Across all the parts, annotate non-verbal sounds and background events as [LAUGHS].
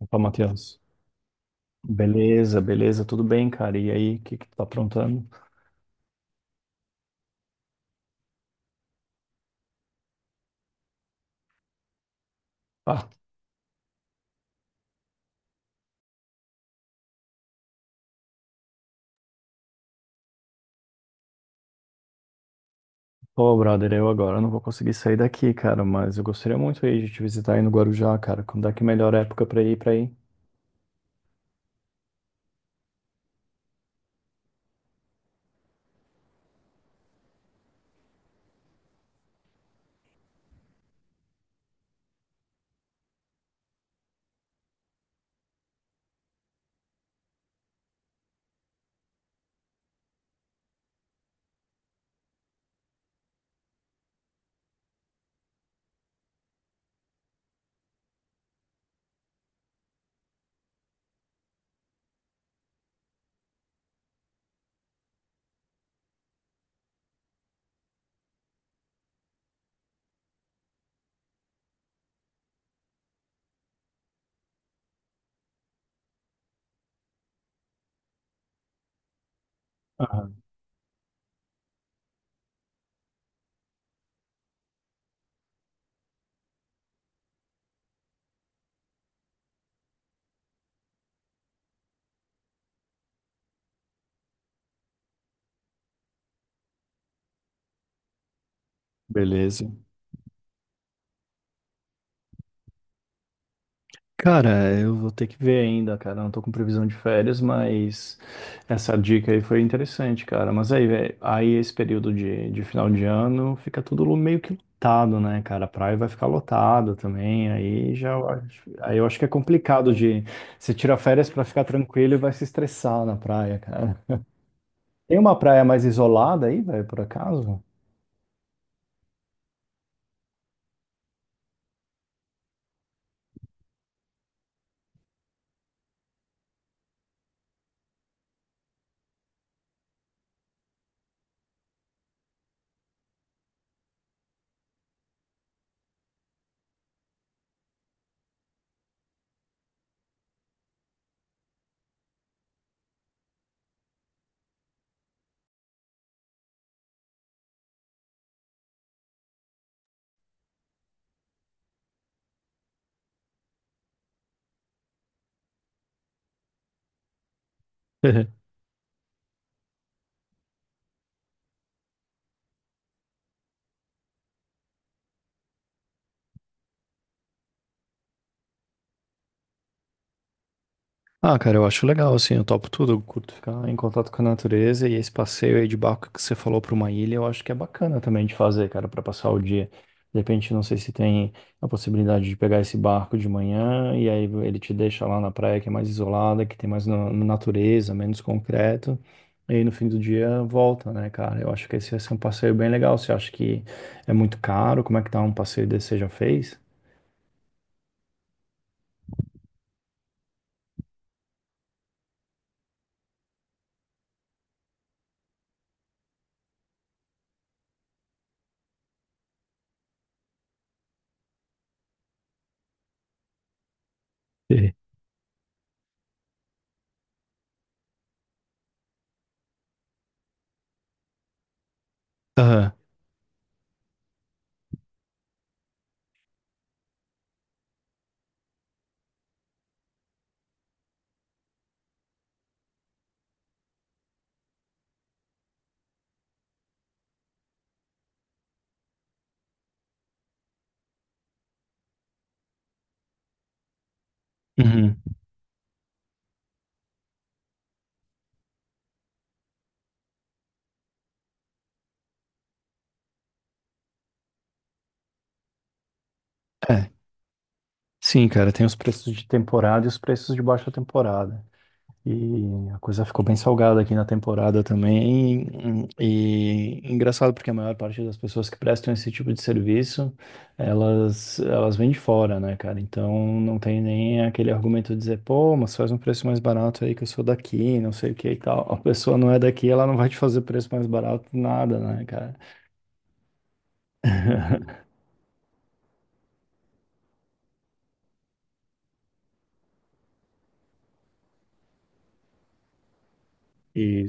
Opa, Matheus. Beleza, beleza, tudo bem, cara? E aí, o que que tu tá aprontando? Ah, pô, brother, eu agora não vou conseguir sair daqui, cara, mas eu gostaria muito aí de te visitar aí no Guarujá, cara. Quando é que é a melhor época pra ir pra aí? Aham. Beleza. Cara, eu vou ter que ver ainda, cara. Não tô com previsão de férias, mas essa dica aí foi interessante, cara. Mas aí, velho, aí esse período de final de ano fica tudo meio que lotado, né, cara? A praia vai ficar lotada também. Aí já, aí eu acho que é complicado de você tira férias pra ficar tranquilo e vai se estressar na praia, cara. Tem uma praia mais isolada aí, velho, por acaso? [LAUGHS] Ah, cara, eu acho legal, assim, eu topo tudo, eu curto ficar em contato com a natureza e esse passeio aí de barco que você falou para uma ilha, eu acho que é bacana também de fazer, cara, para passar o dia. De repente, não sei se tem a possibilidade de pegar esse barco de manhã e aí ele te deixa lá na praia que é mais isolada, que tem mais na natureza, menos concreto, e aí no fim do dia volta, né, cara? Eu acho que esse vai ser um passeio bem legal. Você acha que é muito caro? Como é que tá um passeio desse você já fez? Sim. Aham. Uhum. É. Sim, cara, tem os preços de temporada e os preços de baixa temporada. E a coisa ficou bem salgada aqui na temporada também. E engraçado porque a maior parte das pessoas que prestam esse tipo de serviço, elas vêm de fora, né, cara? Então não tem nem aquele argumento de dizer, pô, mas faz um preço mais barato aí que eu sou daqui, não sei o que e tal. A pessoa não é daqui, ela não vai te fazer preço mais barato nada, né, cara? [LAUGHS] E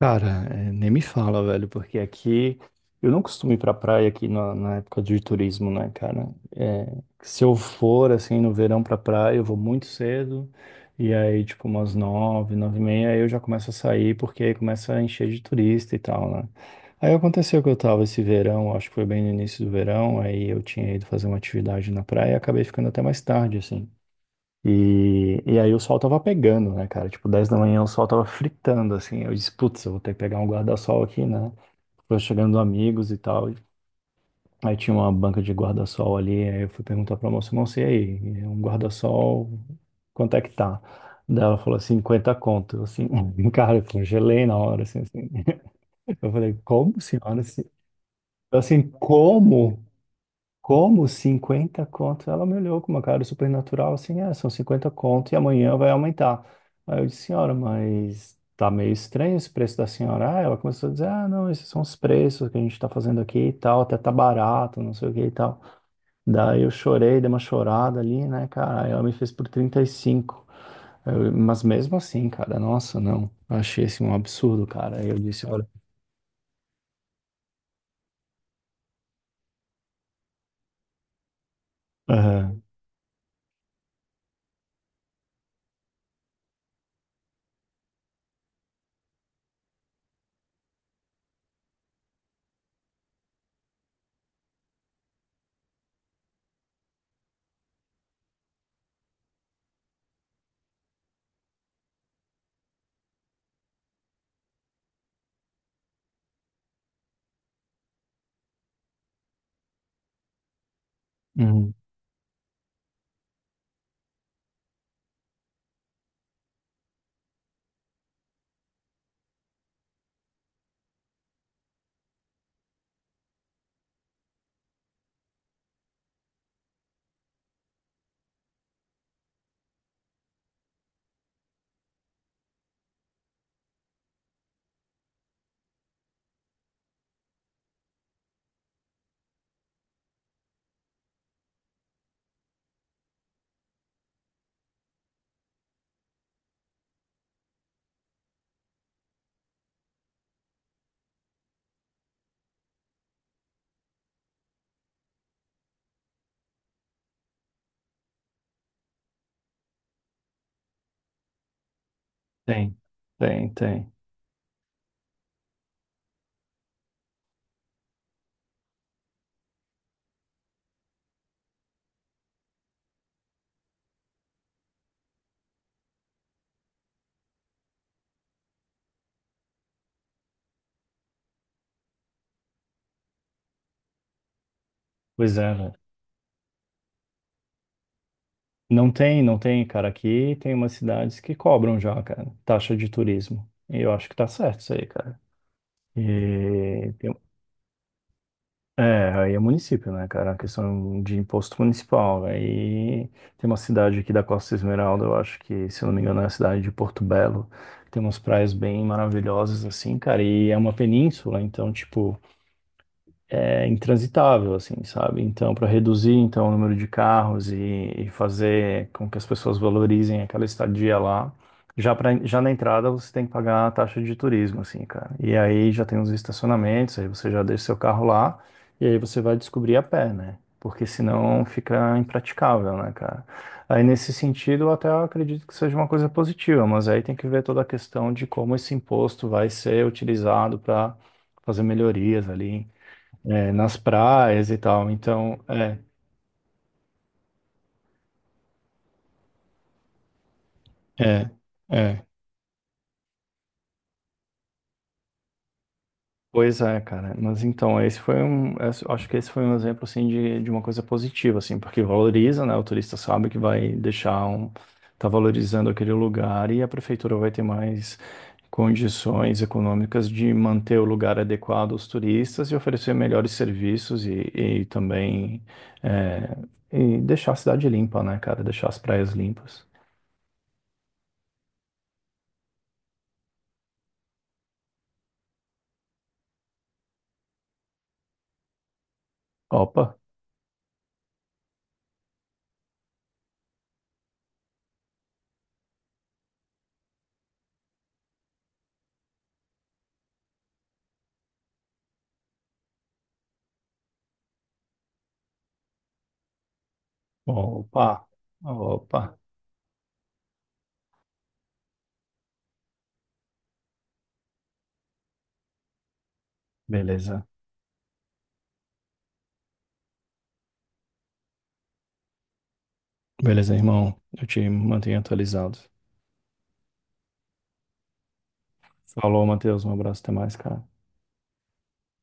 cara, é, nem me fala, velho, porque aqui eu não costumo ir pra praia aqui na época de turismo, né, cara? É, se eu for, assim, no verão pra praia, eu vou muito cedo, e aí, tipo, umas nove, nove e meia, aí eu já começo a sair, porque aí começa a encher de turista e tal, né? Aí aconteceu que eu tava esse verão, acho que foi bem no início do verão, aí eu tinha ido fazer uma atividade na praia e acabei ficando até mais tarde, assim. E aí o sol tava pegando, né, cara? Tipo, 10 da manhã o sol tava fritando, assim. Eu disse, putz, eu vou ter que pegar um guarda-sol aqui, né? Foi chegando amigos e tal. Aí tinha uma banca de guarda-sol ali. Aí eu fui perguntar pra moça, moça, e aí? Um guarda-sol, quanto é que tá? Daí ela falou, 50 conto. Eu, assim, [LAUGHS] cara, eu congelei na hora, assim, assim. Eu falei, como, senhora? Assim, eu, assim, como? Como 50 conto? Ela me olhou com uma cara super natural, assim, é, são 50 conto e amanhã vai aumentar. Aí eu disse, senhora, mas tá meio estranho esse preço da senhora. Ah, ela começou a dizer, ah, não, esses são os preços que a gente tá fazendo aqui e tal, até tá barato, não sei o que e tal. Daí eu chorei, dei uma chorada ali, né, cara, aí ela me fez por 35. Eu, mas mesmo assim, cara, nossa, não, eu achei assim um absurdo, cara. Aí eu disse, olha, aham, uhum, tem, tem, tem. Pois é, velho. Não tem, não tem, cara. Aqui tem umas cidades que cobram já, cara, taxa de turismo. E eu acho que tá certo isso aí, cara. E é, aí é município, né, cara? A questão de imposto municipal. Aí tem uma cidade aqui da Costa Esmeralda, eu acho que, se eu não me engano, é a cidade de Porto Belo. Tem umas praias bem maravilhosas, assim, cara. E é uma península, então, tipo. É intransitável, assim, sabe? Então, para reduzir então o número de carros e fazer com que as pessoas valorizem aquela estadia lá, já na entrada você tem que pagar a taxa de turismo, assim, cara. E aí já tem os estacionamentos, aí você já deixa seu carro lá e aí você vai descobrir a pé, né? Porque senão fica impraticável, né, cara? Aí nesse sentido, eu até acredito que seja uma coisa positiva, mas aí tem que ver toda a questão de como esse imposto vai ser utilizado para fazer melhorias ali é, nas praias e tal. Então, é, é, é. Pois é, cara. Mas então, esse foi um, acho que esse foi um exemplo, assim, de uma coisa positiva, assim, porque valoriza, né? O turista sabe que vai deixar um, tá valorizando aquele lugar e a prefeitura vai ter mais condições econômicas de manter o lugar adequado aos turistas e oferecer melhores serviços e também é, e deixar a cidade limpa, né, cara? Deixar as praias limpas. Opa! Opa, opa, beleza. Beleza, irmão. Eu te mantenho atualizado. Falou, Matheus. Um abraço, até mais, cara.